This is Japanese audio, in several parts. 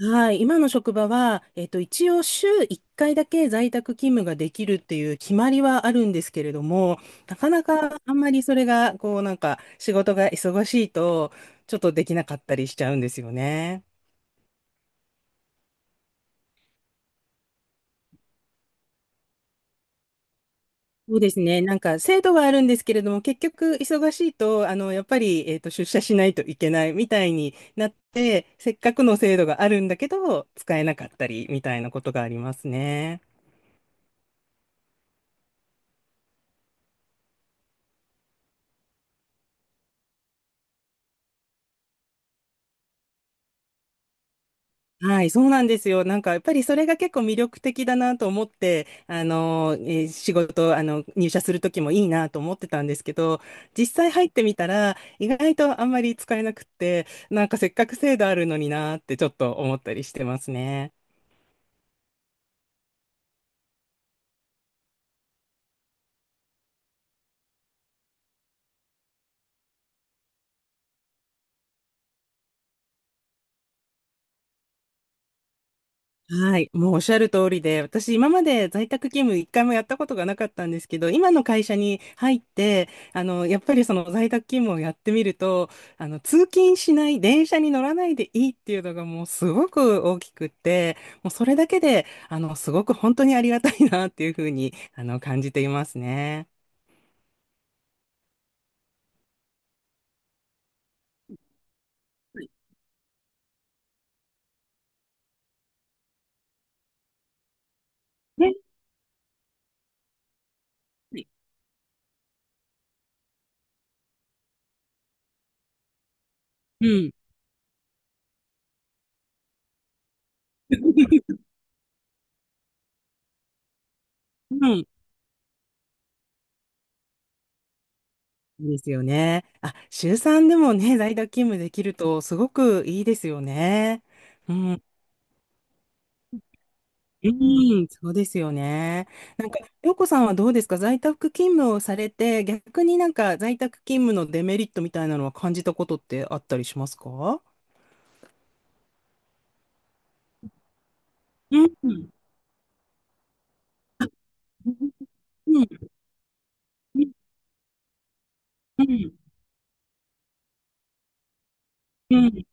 はい、今の職場は、一応週1回だけ在宅勤務ができるっていう決まりはあるんですけれども、なかなかあんまりそれが、こうなんか仕事が忙しいと、ちょっとできなかったりしちゃうんですよね。そうですね。なんか制度はあるんですけれども、結局忙しいと、やっぱり、出社しないといけないみたいになって、せっかくの制度があるんだけど、使えなかったりみたいなことがありますね。はい、そうなんですよ。なんか、やっぱりそれが結構魅力的だなと思って、あの、えー仕事、あの、入社するときもいいなと思ってたんですけど、実際入ってみたら、意外とあんまり使えなくって、なんかせっかく制度あるのになってちょっと思ったりしてますね。はい、もうおっしゃる通りで、私今まで在宅勤務一回もやったことがなかったんですけど、今の会社に入って、やっぱりその在宅勤務をやってみると、通勤しない、電車に乗らないでいいっていうのがもうすごく大きくって、もうそれだけで、すごく本当にありがたいなっていうふうに、感じていますね。はいね。はい。うん。うん。ですよね。あ、週3でもね、在宅勤務できるとすごくいいですよね。うん。うん、そうですよね。なんか、洋子さんはどうですか、在宅勤務をされて、逆になんか在宅勤務のデメリットみたいなのは感じたことってあったりしますか？うん。うん。うん。うん。うん。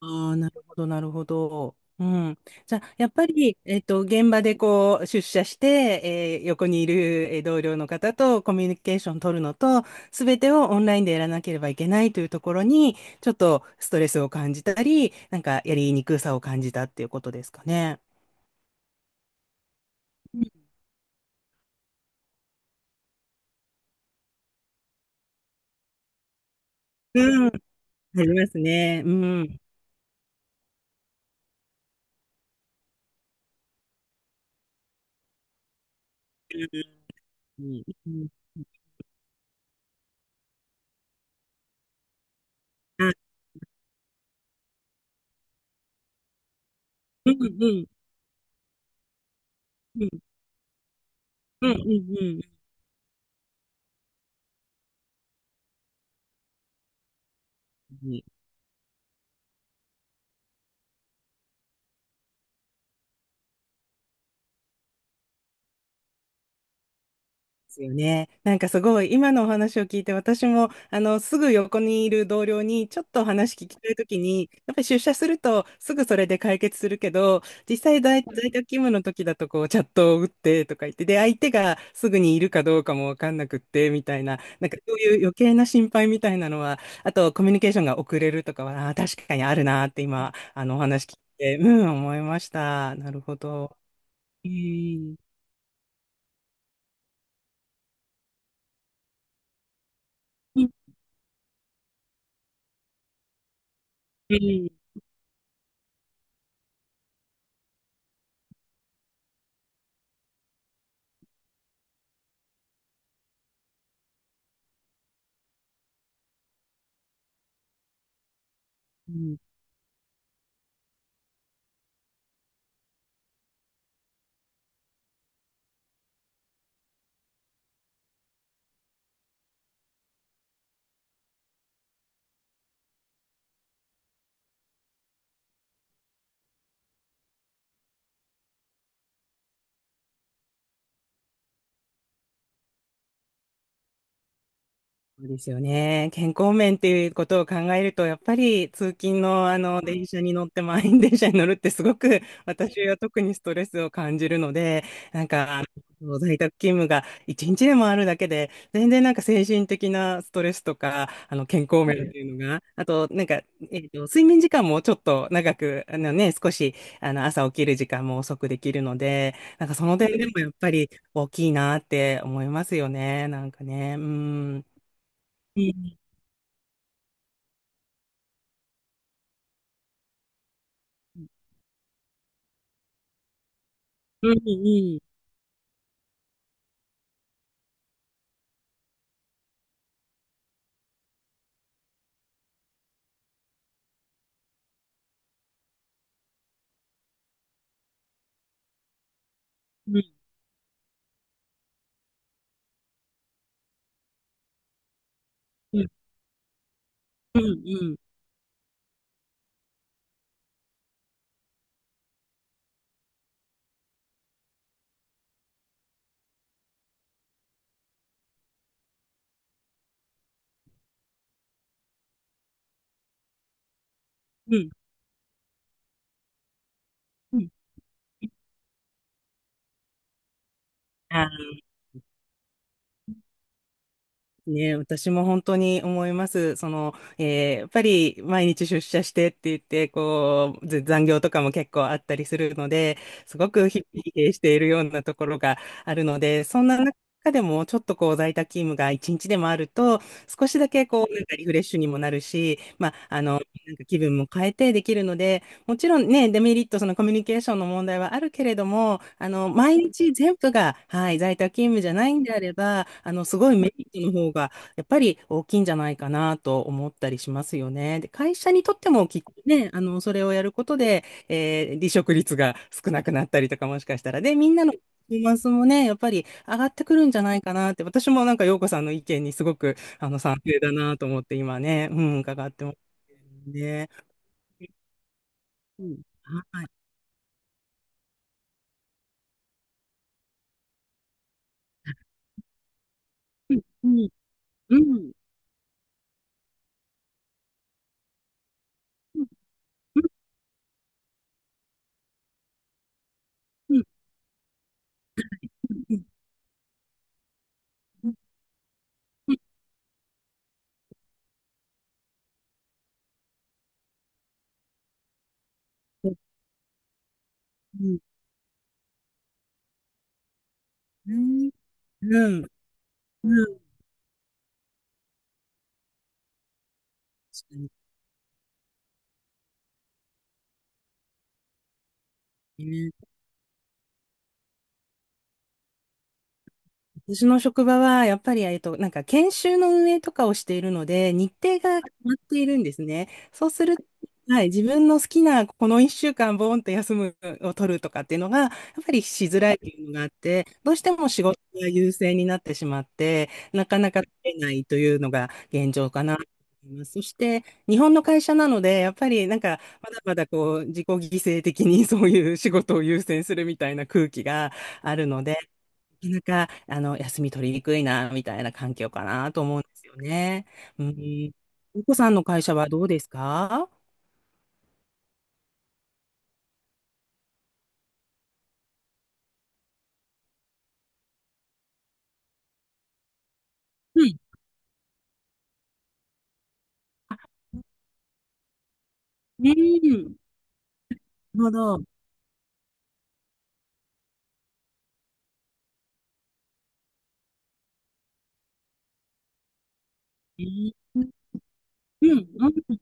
ああ、なるほど、なるほど。うん。じゃあ、やっぱり、現場でこう、出社して、横にいる同僚の方とコミュニケーション取るのと、すべてをオンラインでやらなければいけないというところに、ちょっとストレスを感じたり、なんかやりにくさを感じたっていうことですかね。うん、ありますね。うん。うん。うん。あ、うん。うん。うん。うん。うん。うん、うん。ですよね。なんかすごい今のお話を聞いて、私もあのすぐ横にいる同僚にちょっと話聞きたいときにやっぱり出社するとすぐそれで解決するけど、実際在宅勤務の時だとこうチャットを打ってとか言って、で相手がすぐにいるかどうかもわかんなくってみたいな、なんかそういう余計な心配みたいなのは、あとコミュニケーションが遅れるとかは、確かにあるなって、今あのお話聞いて思いました。なるほど。えー、うん。うん。そうですよね。健康面っていうことを考えると、やっぱり通勤のあの電車に乗って満員電車に乗るってすごく私は特にストレスを感じるので、なんかあの在宅勤務が一日でもあるだけで、全然なんか精神的なストレスとか、あの健康面っていうのが、あとなんか、睡眠時間もちょっと長く、あのね、少しあの朝起きる時間も遅くできるので、なんかその点でもやっぱり大きいなって思いますよね。なんかね。うん。うん、うん。うん。うん、うん、うん、うん、うん、うん。あね、私も本当に思います。その、やっぱり毎日出社してって言って、こう、ず残業とかも結構あったりするので、すごく疲弊しているようなところがあるので、そんな中でもちょっとこう在宅勤務が一日でもあると、少しだけこう、なんかリフレッシュにもなるし、まあ、なんか気分も変えてできるので、もちろんね、デメリット、そのコミュニケーションの問題はあるけれども、毎日全部が、はい、在宅勤務じゃないんであれば、すごいメリットの方が、やっぱり大きいんじゃないかなと思ったりしますよね。で、会社にとってもきっとね、それをやることで、離職率が少なくなったりとか、もしかしたら。で、みんなのパフォーマンスもね、やっぱり上がってくるんじゃないかなって、私もなんか、陽子さんの意見にすごく、賛成だなと思って、今ね、うん、伺ってますね。うん。はい。私の職場は、やっぱり、なんか、研修の運営とかをしているので、日程が決まっているんですね。そうすると、はい、自分の好きな、この1週間、ボーンと休むを取るとかっていうのが、やっぱりしづらいっていうのがあって、どうしても仕事が優先になってしまって、なかなか取れないというのが現状かなと思います。そして、日本の会社なので、やっぱり、なんか、まだまだこう、自己犠牲的にそういう仕事を優先するみたいな空気があるので、なかなか、休み取りにくいな、みたいな環境かなと思うんですよね。うん。ゆうこさんの会社はどうですか？はい。うん。なるほど。うん。うん。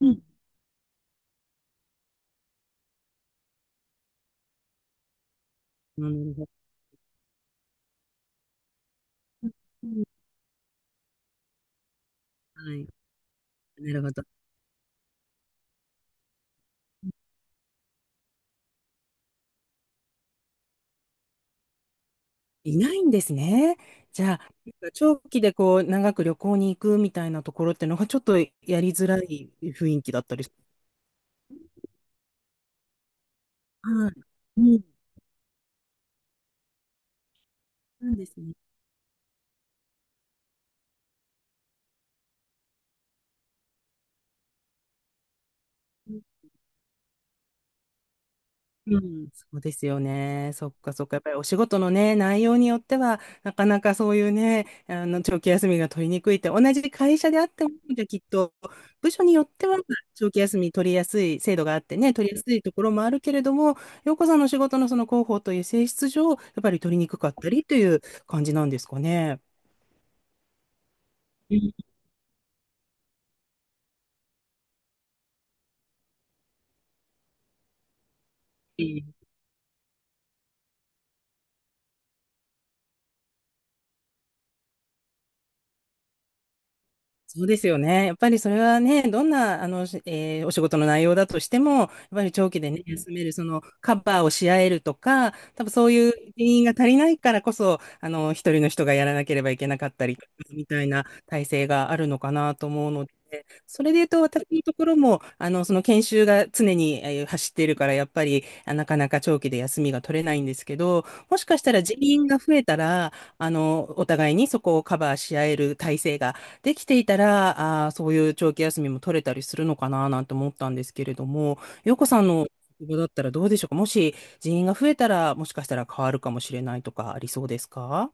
うん。なるほど。うん。はい。なるほど。いないんですね。じゃあ、長期でこう、長く旅行に行くみたいなところってのが、ちょっとやりづらい雰囲気だったりし、はい。うん。なんですね。うん、そうですよね。そっかそっか。やっぱりお仕事のね、内容によっては、なかなかそういうね、長期休みが取りにくいって、同じ会社であっても、じゃあきっと、部署によっては、長期休み取りやすい制度があってね、取りやすいところもあるけれども、洋子さんの仕事のその広報という性質上、やっぱり取りにくかったりという感じなんですかね。うん。そうですよね。やっぱりそれはね、どんな、あの、しえーお仕事の内容だとしても、やっぱり長期でね、休める、その、カバーをし合えるとか、多分そういう原因が足りないからこそ、一人の人がやらなければいけなかったりみたいな体制があるのかなと思うので、それで言うと、私のところも、その研修が常に走っているから、やっぱり、なかなか長期で休みが取れないんですけど、もしかしたら人員が増えたら、お互いにそこをカバーし合える体制ができていたら、そういう長期休みも取れたりするのかななんて思ったんですけれども、洋子さんの職場だったらどうでしょうか？もし人員が増えたら、もしかしたら変わるかもしれないとかありそうですか？